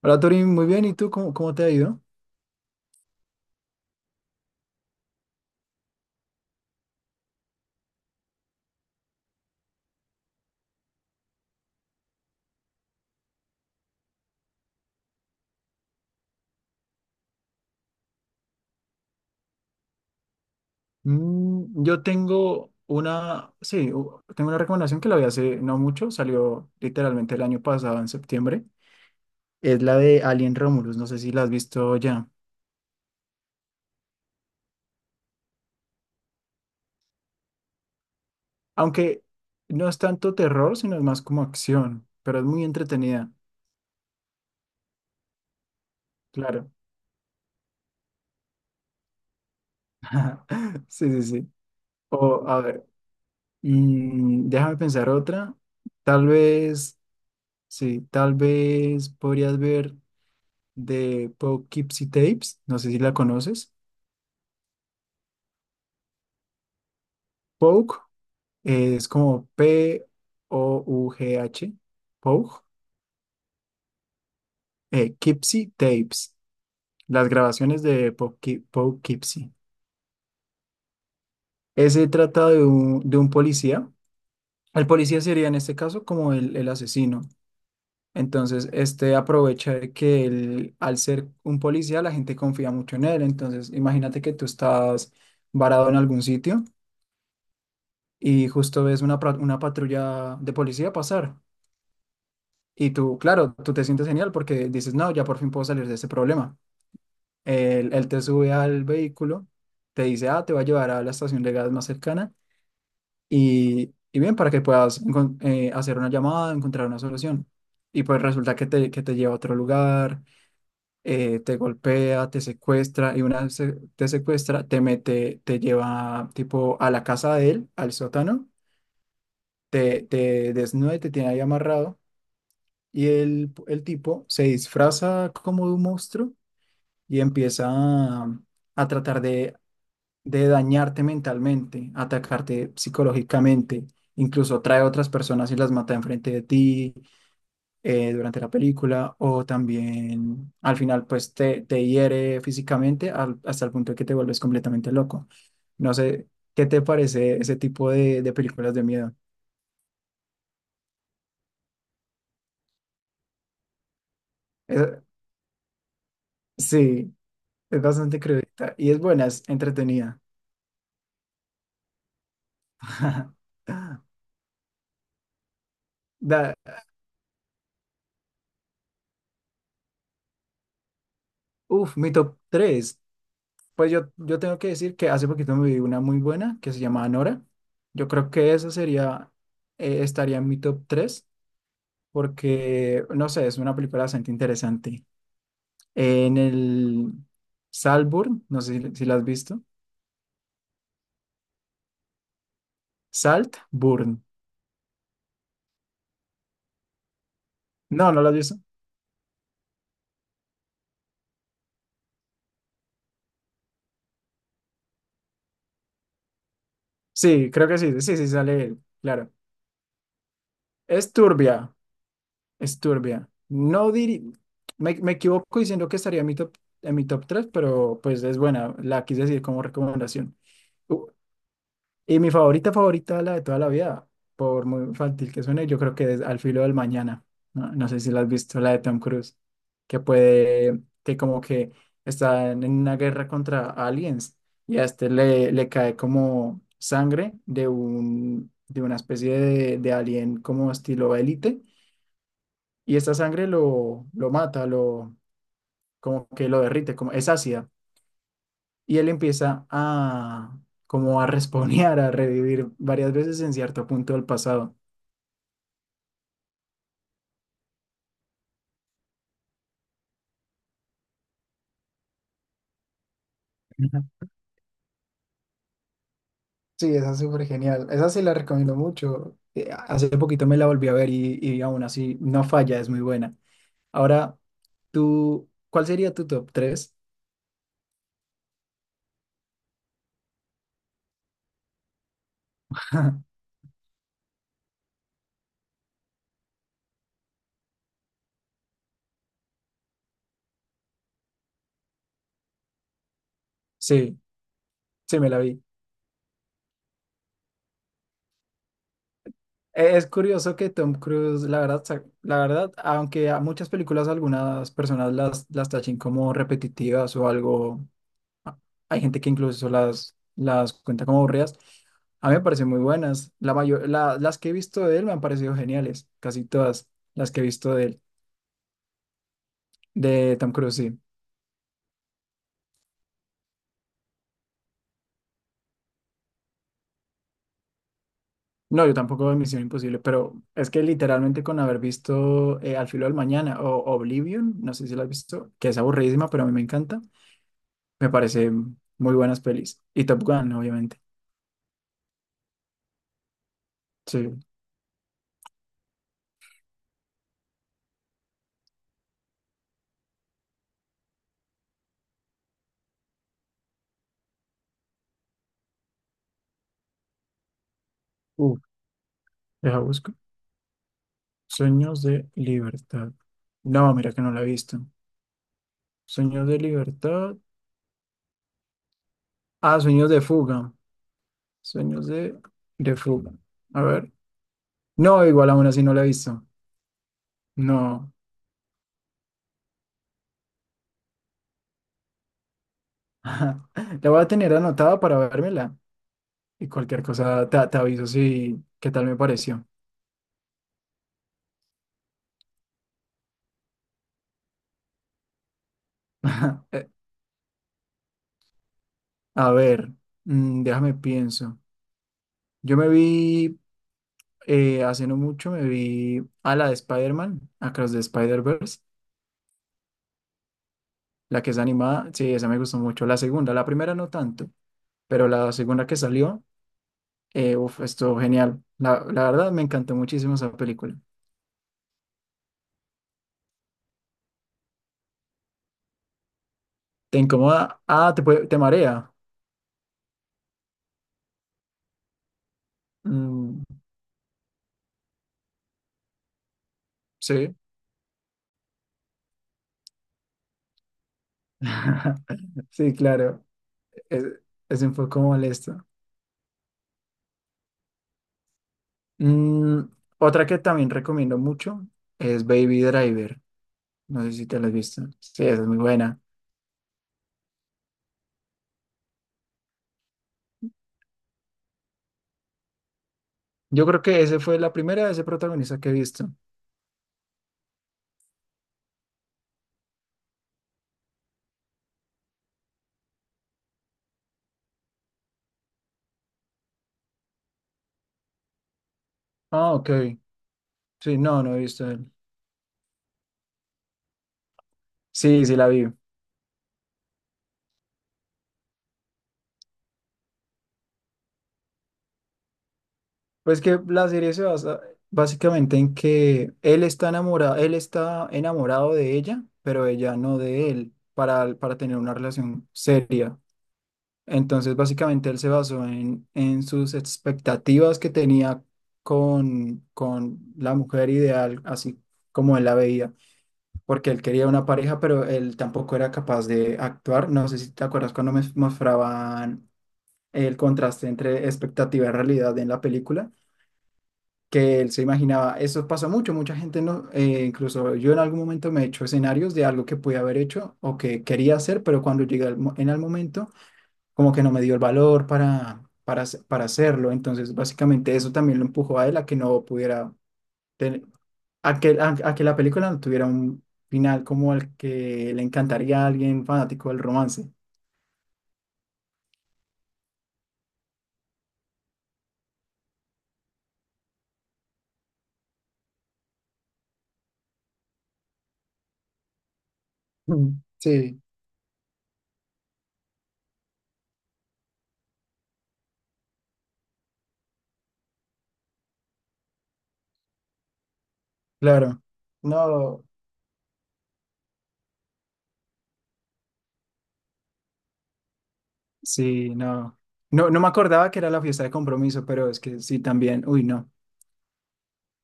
Hola Torín, muy bien. ¿Y tú cómo te ha ido? Yo tengo una, sí, u- tengo una recomendación que la vi hace no mucho, salió literalmente el año pasado, en septiembre. Es la de Alien Romulus, no sé si la has visto ya. Aunque no es tanto terror, sino es más como acción, pero es muy entretenida, claro. Sí, sí, sí. O, a ver, déjame pensar otra. Tal vez, sí, tal vez podrías ver. De Poughkeepsie Tapes, no sé si la conoces. Pouk es como P-O-U-G-H, Pouk, Kipsy Tapes, las grabaciones de Poughkeepsie. Ese trata de un policía. El policía sería en este caso como el asesino. Entonces, este aprovecha de que él, al ser un policía, la gente confía mucho en él. Entonces, imagínate que tú estás varado en algún sitio y justo ves una patrulla de policía pasar. Y tú, claro, tú te sientes genial porque dices, no, ya por fin puedo salir de ese problema. Él te sube al vehículo, te dice, ah, te va a llevar a la estación de gas más cercana y bien, para que puedas hacer una llamada, encontrar una solución. Y pues resulta que te lleva a otro lugar, te golpea, te secuestra y una vez te secuestra, te mete, te lleva tipo a la casa de él, al sótano te desnuda y te tiene ahí amarrado. Y el tipo se disfraza como de un monstruo y a tratar de dañarte mentalmente, atacarte psicológicamente. Incluso trae a otras personas y las mata enfrente de ti durante la película. O también al final, pues te hiere físicamente hasta el punto de que te vuelves completamente loco. No sé, ¿qué te parece ese tipo de películas de miedo? Eh, sí. Es bastante crudita y es buena, es entretenida. Da, uf, mi top tres. Pues yo tengo que decir que hace poquito me vi una muy buena que se llamaba Nora. Yo creo que esa sería, estaría en mi top 3 porque, no sé, es una película bastante interesante. En el Saltburn, no sé si la has visto. Saltburn. No, no la has visto. Sí, creo que sí, sí, sí, sale él, claro. Es turbia. Es turbia. No diri... me equivoco diciendo que estaría en mi top 3, pero pues es buena. La quise decir como recomendación. Uh, y mi favorita, favorita, la de toda la vida, por muy infantil que suene, yo creo que es Al filo del mañana. No, no sé si la has visto, la de Tom Cruise, que puede, que como que está en una guerra contra aliens y a este le cae como sangre de una especie de alien como estilo élite y esta sangre lo mata, lo, como que lo derrite, como es ácida. Y él como a respawnear, a revivir varias veces en cierto punto del pasado. Ujú. Sí, esa es súper genial. Esa sí la recomiendo mucho. Hace poquito me la volví a ver y aún así no falla, es muy buena. Ahora, tú, ¿cuál sería tu top tres? Sí, sí, me la vi. Es curioso que Tom Cruise, la verdad, la verdad, aunque a muchas películas algunas personas las tachen como repetitivas o algo, a- hay gente que incluso las cuenta como aburridas, a mí me parecen muy buenas. La mayor, las que he visto de él me han parecido geniales, casi todas las que he visto de él, de Tom Cruise, sí. No, yo tampoco de Misión Imposible, pero es que literalmente con haber visto Al filo del mañana o Oblivion, no sé si la has visto, que es aburridísima, pero a mí me encanta. Me parece muy buenas pelis. Y Top Gun, obviamente. Sí. Uf, deja busco. Sueños de libertad. No, mira que no la he visto. Sueños de libertad. Ah, sueños de fuga. Sueños de fuga. A ver. No, igual aún así no la he visto. No. La voy a tener anotada para vérmela. Y cualquier cosa te aviso si qué tal me pareció. Eh, a ver. Déjame pienso. Yo me vi. Hace no mucho me vi a la de Spider-Man, Across the Spider-Verse, la que es animada, sí, esa me gustó mucho. La segunda, la primera no tanto, pero la segunda que salió, uf, estuvo genial. La verdad me encantó muchísimo esa película. ¿Te incomoda? Ah, puede- te marea. Mm, sí. Sí, claro, es, es un poco molesto. Mm, otra que también recomiendo mucho es Baby Driver. No sé si te la has visto. Sí, esa es muy buena. Yo creo que ese fue la primera de ese protagonista que he visto. Ah, ok. Sí, no, no he visto él. Sí, sí la vi. Pues que la serie se basa básicamente en que él está enamorado de ella, pero ella no de él, para tener una relación seria. Entonces, básicamente él se basó en sus expectativas que tenía con la mujer ideal, así como él la veía. Porque él quería una pareja, pero él tampoco era capaz de actuar. No sé si te acuerdas cuando me mostraban el contraste entre expectativa y realidad en la película, que él se imaginaba, eso pasa mucho, mucha gente no, incluso yo en algún momento me he hecho escenarios de algo que pude haber hecho o que quería hacer, pero cuando llegué al en el momento, como que no me dio el valor para hacerlo. Entonces, básicamente eso también lo empujó a él a que no pudiera ten- a que, a que la película no tuviera un final como el que le encantaría a alguien fanático del romance. Mm, sí, claro. No, sí, no. No, no me acordaba que era la fiesta de compromiso, pero es que sí también. Uy, no.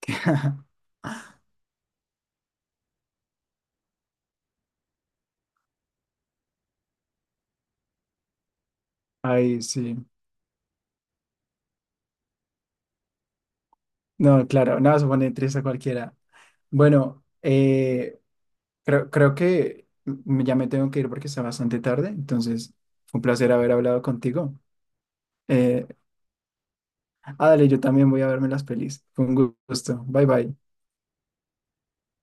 Ay, sí. No, claro, nada, se pone triste a cualquiera. Bueno, creo que ya me tengo que ir porque está bastante tarde, entonces fue un placer haber hablado contigo. Eh, dale, yo también voy a verme las pelis. Fue un gusto. Bye bye.